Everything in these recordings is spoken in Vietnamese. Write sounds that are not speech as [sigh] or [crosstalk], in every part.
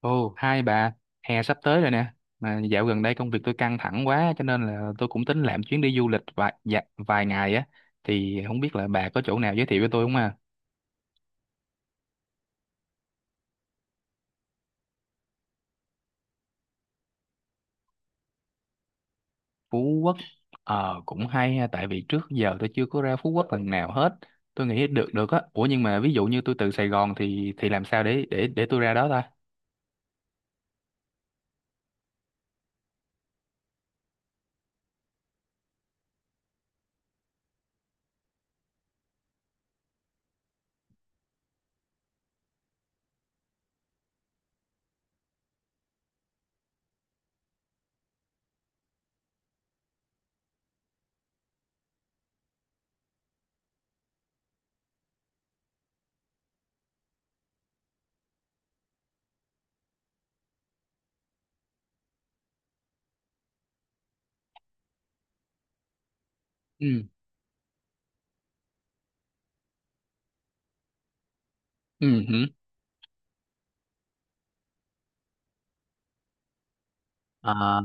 Ồ, hai bà, hè sắp tới rồi nè. Mà dạo gần đây công việc tôi căng thẳng quá cho nên là tôi cũng tính làm chuyến đi du lịch vài ngày á thì không biết là bà có chỗ nào giới thiệu cho tôi không à? Phú Quốc ờ cũng hay ha tại vì trước giờ tôi chưa có ra Phú Quốc lần nào hết. Tôi nghĩ được được á. Ủa nhưng mà ví dụ như tôi từ Sài Gòn thì làm sao để tôi ra đó ta? Ừ. Ừ hử. À,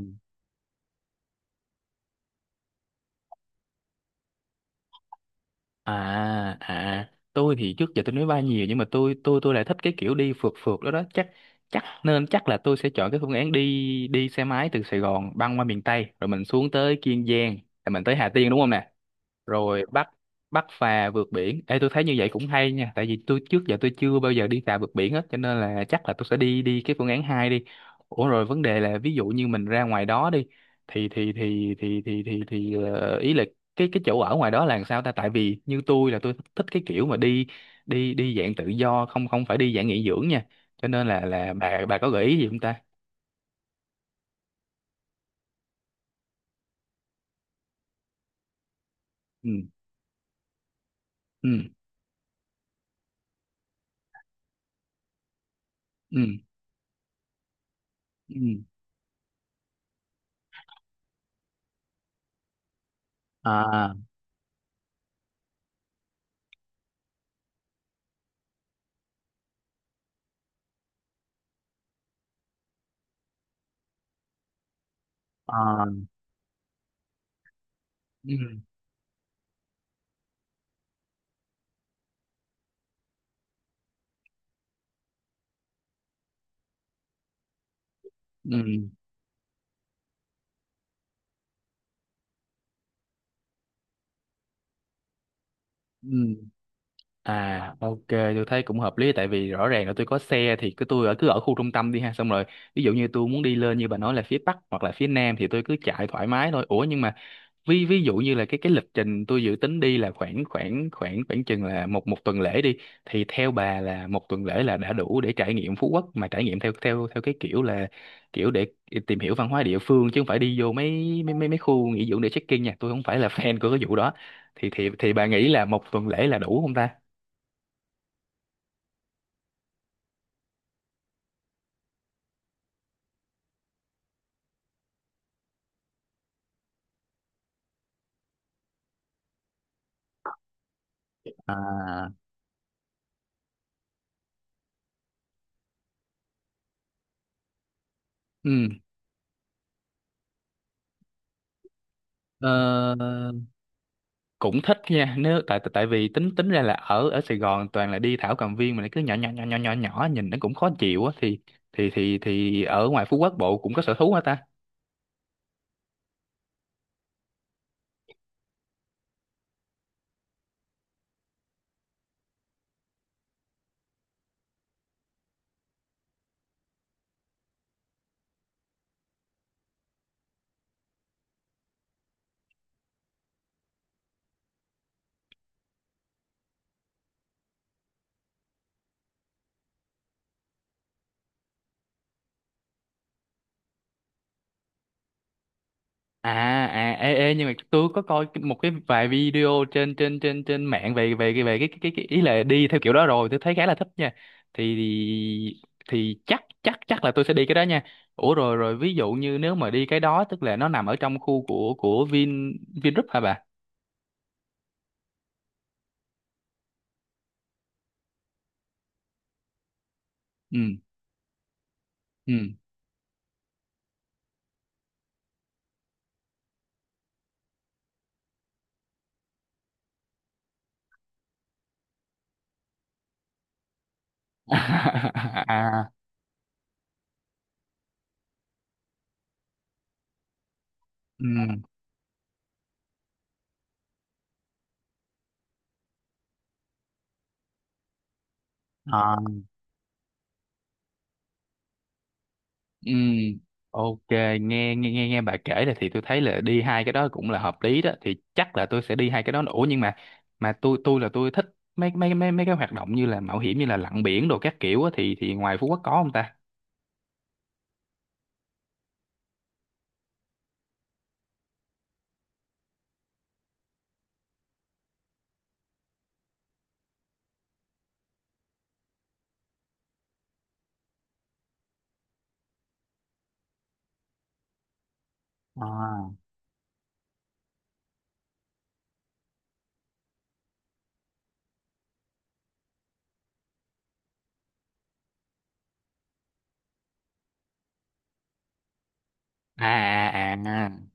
à, à, tôi thì trước giờ tôi nói bay nhiều nhưng mà tôi lại thích cái kiểu đi phượt phượt đó đó chắc chắc nên chắc là tôi sẽ chọn cái phương án đi đi xe máy từ Sài Gòn băng qua miền Tây rồi mình xuống tới Kiên Giang rồi mình tới Hà Tiên đúng không nè? Rồi bắt bắt phà vượt biển. Ê, tôi thấy như vậy cũng hay nha tại vì tôi trước giờ tôi chưa bao giờ đi phà vượt biển hết cho nên là chắc là tôi sẽ đi đi cái phương án hai đi. Ủa rồi vấn đề là ví dụ như mình ra ngoài đó đi ý là cái chỗ ở ngoài đó là làm sao ta, tại vì như tôi là tôi thích cái kiểu mà đi đi đi dạng tự do, không không phải đi dạng nghỉ dưỡng nha, cho nên là bà có gợi ý gì không ta. Ừ. Ừ. Ừ. Ừ. À. À. Ừ. Ừ. Ừ. Ừ. À, ok, tôi thấy cũng hợp lý tại vì rõ ràng là tôi có xe thì cứ tôi ở cứ ở khu trung tâm đi ha, xong rồi ví dụ như tôi muốn đi lên như bà nói là phía Bắc hoặc là phía Nam thì tôi cứ chạy thoải mái thôi. Ủa nhưng mà ví ví dụ như là cái lịch trình tôi dự tính đi là khoảng khoảng khoảng khoảng chừng là một một tuần lễ đi, thì theo bà là một tuần lễ là đã đủ để trải nghiệm Phú Quốc mà trải nghiệm theo theo theo cái kiểu là kiểu để tìm hiểu văn hóa địa phương chứ không phải đi vô mấy mấy mấy mấy khu nghỉ dưỡng để check-in nha, tôi không phải là [laughs] fan của cái vụ đó, thì thì bà nghĩ là một tuần lễ là đủ không ta. À, ừ, ờ, cũng thích nha, nếu tại tại vì tính tính ra là ở ở Sài Gòn toàn là đi thảo cầm viên mà lại cứ nhỏ nhỏ nhỏ nhỏ nhỏ nhỏ nhìn nó cũng khó chịu á, thì thì ở ngoài Phú Quốc Bộ cũng có sở thú hả ta. À. À, ê, ê, nhưng mà tôi có coi một cái vài video trên trên mạng về về cái về cái ý là đi theo kiểu đó rồi tôi thấy khá là thích nha, thì thì chắc chắc chắc là tôi sẽ đi cái đó nha. Ủa rồi rồi ví dụ như nếu mà đi cái đó tức là nó nằm ở trong khu của Vin, Vingroup hả bà. Ừ. Ừ. [laughs] À. Ừ. Ừ, ok, nghe nghe nghe nghe bà kể là thì tôi thấy là đi hai cái đó cũng là hợp lý đó, thì chắc là tôi sẽ đi hai cái đó. Ủa nhưng mà tôi là tôi thích mấy mấy mấy mấy cái hoạt động như là mạo hiểm, như là lặn biển đồ các kiểu á, thì ngoài Phú Quốc có không ta? À. À à à.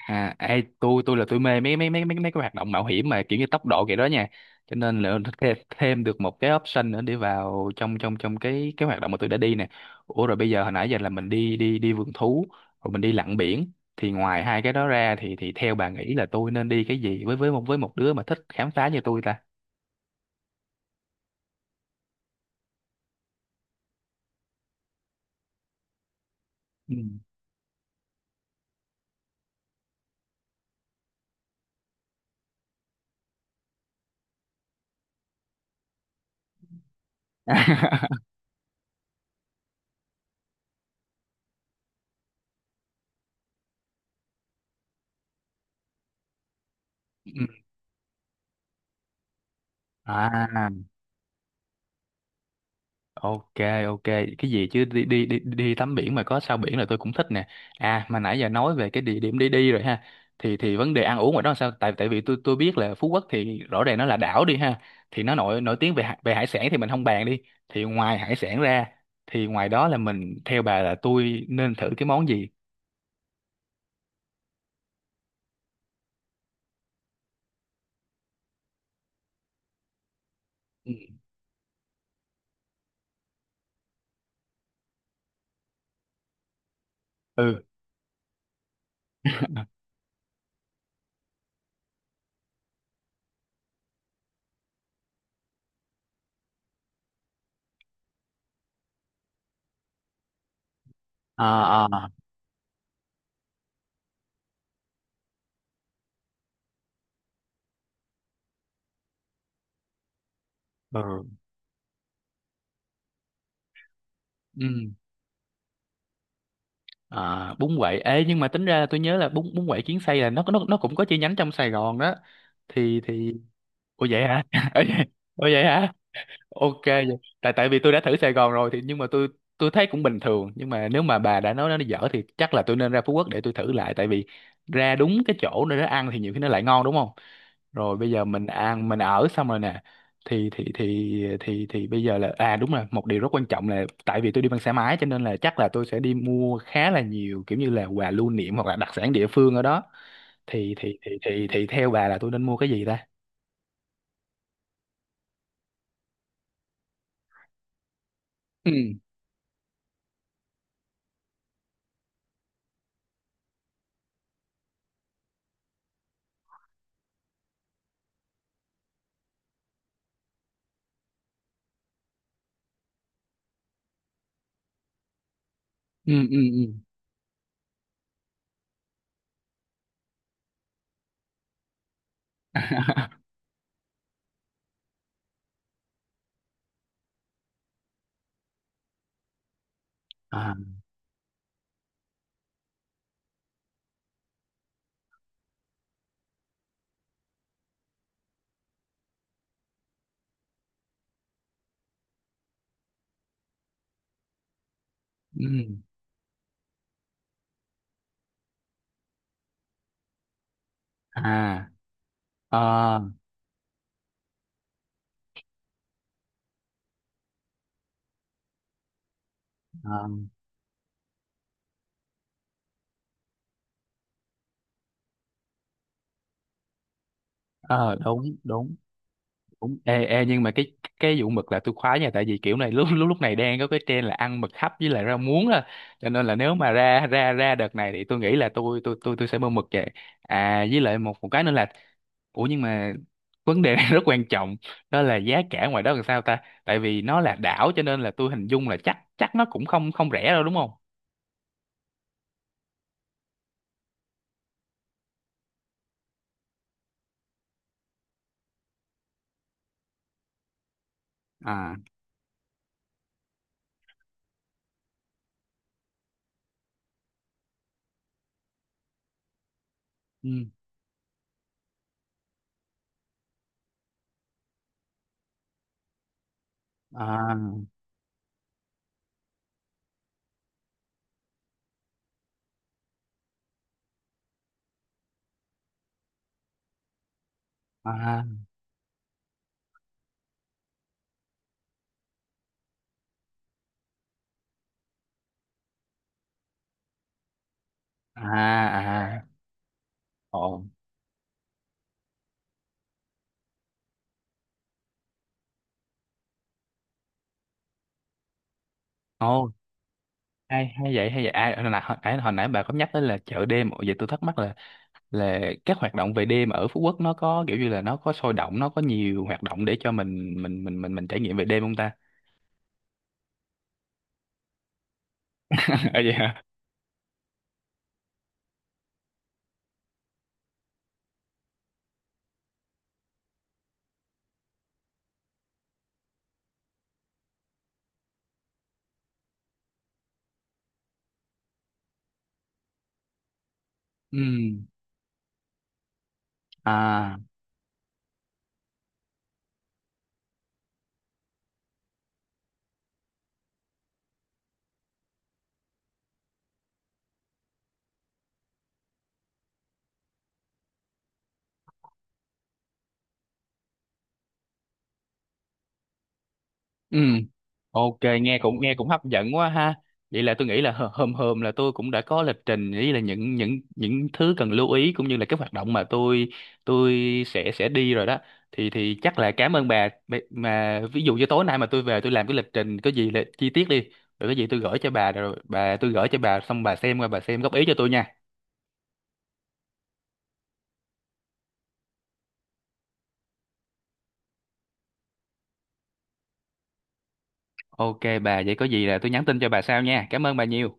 À, ê, tôi là tôi mê mấy mấy mấy mấy mấy cái hoạt động mạo hiểm mà kiểu như tốc độ kiểu đó nha. Cho nên là thêm được một cái option nữa để vào trong trong trong cái hoạt động mà tôi đã đi nè. Ủa rồi bây giờ hồi nãy giờ là mình đi đi đi vườn thú, rồi mình đi lặn biển, thì ngoài hai cái đó ra thì theo bà nghĩ là tôi nên đi cái gì, với với một đứa mà thích khám phá như tôi ta? Ừ. [laughs] Ừ. À, ok, ok, cái gì chứ đi đi đi đi tắm biển mà có sao biển là tôi cũng thích nè. À mà nãy giờ nói về cái địa điểm đi đi rồi ha. Thì vấn đề ăn uống ngoài đó là sao? Tại tại vì tôi biết là Phú Quốc thì rõ ràng nó là đảo đi ha. Thì nó nổi nổi tiếng về về hải sản thì mình không bàn đi. Thì ngoài hải sản ra thì ngoài đó là mình theo bà là tôi nên thử cái món gì? Ừ. Ừ. À, à. Ừ. Ừ. À, bún quậy. Ê nhưng mà tính ra là tôi nhớ là bún bún quậy Kiến Xây là nó cũng có chi nhánh trong Sài Gòn đó. Thì thì. Ủa vậy hả? [laughs] Ủa vậy, ủa vậy hả? Ok vậy. Tại tại vì tôi đã thử Sài Gòn rồi thì nhưng mà tôi thấy cũng bình thường, nhưng mà nếu mà bà đã nói nó dở thì chắc là tôi nên ra Phú Quốc để tôi thử lại, tại vì ra đúng cái chỗ nơi nó ăn thì nhiều khi nó lại ngon đúng không? Rồi bây giờ mình ăn mình ở xong rồi nè, thì bây giờ là à đúng rồi, một điều rất quan trọng là tại vì tôi đi bằng xe máy cho nên là chắc là tôi sẽ đi mua khá là nhiều kiểu như là quà lưu niệm hoặc là đặc sản địa phương ở đó, thì theo bà là tôi nên mua cái gì ta? Ừ. Ừ. Ừ. Ừ. [laughs] À. Ừ. À. Ờ. Ờ. Ờ, đúng đúng đúng. Ê ê nhưng mà cái vụ mực là tôi khoái nha, tại vì kiểu này lúc lúc lúc này đang có cái trend là ăn mực hấp với lại rau muống đó, cho nên là nếu mà ra ra ra đợt này thì tôi nghĩ là tôi sẽ mua mực về. À với lại một một cái nữa là, ủa nhưng mà vấn đề này [laughs] rất quan trọng, đó là giá cả ngoài đó làm sao ta, tại vì nó là đảo cho nên là tôi hình dung là chắc chắc nó cũng không không rẻ đâu đúng không. À. Ừ. À. À. À. À. À. Ồ. Ồ, hay hay vậy, hay vậy à. Hồi nãy bà có nhắc tới là chợ đêm. Ồ, vậy tôi thắc mắc là các hoạt động về đêm ở Phú Quốc nó có kiểu như là nó có sôi động, nó có nhiều hoạt động để cho mình mình trải nghiệm về đêm không ta. [laughs] À vậy hả. Ừ. À. Ừ, ok, nghe cũng hấp dẫn quá ha. Vậy là tôi nghĩ là hôm hôm là tôi cũng đã có lịch trình với là những thứ cần lưu ý cũng như là các hoạt động mà tôi sẽ đi rồi đó. Thì chắc là cảm ơn bà. Mà ví dụ như tối nay mà tôi về tôi làm cái lịch trình có gì là chi tiết đi. Rồi cái gì tôi gửi cho bà rồi bà tôi gửi cho bà xong bà xem qua bà xem góp ý cho tôi nha. Ok bà, vậy có gì là tôi nhắn tin cho bà sau nha. Cảm ơn bà nhiều.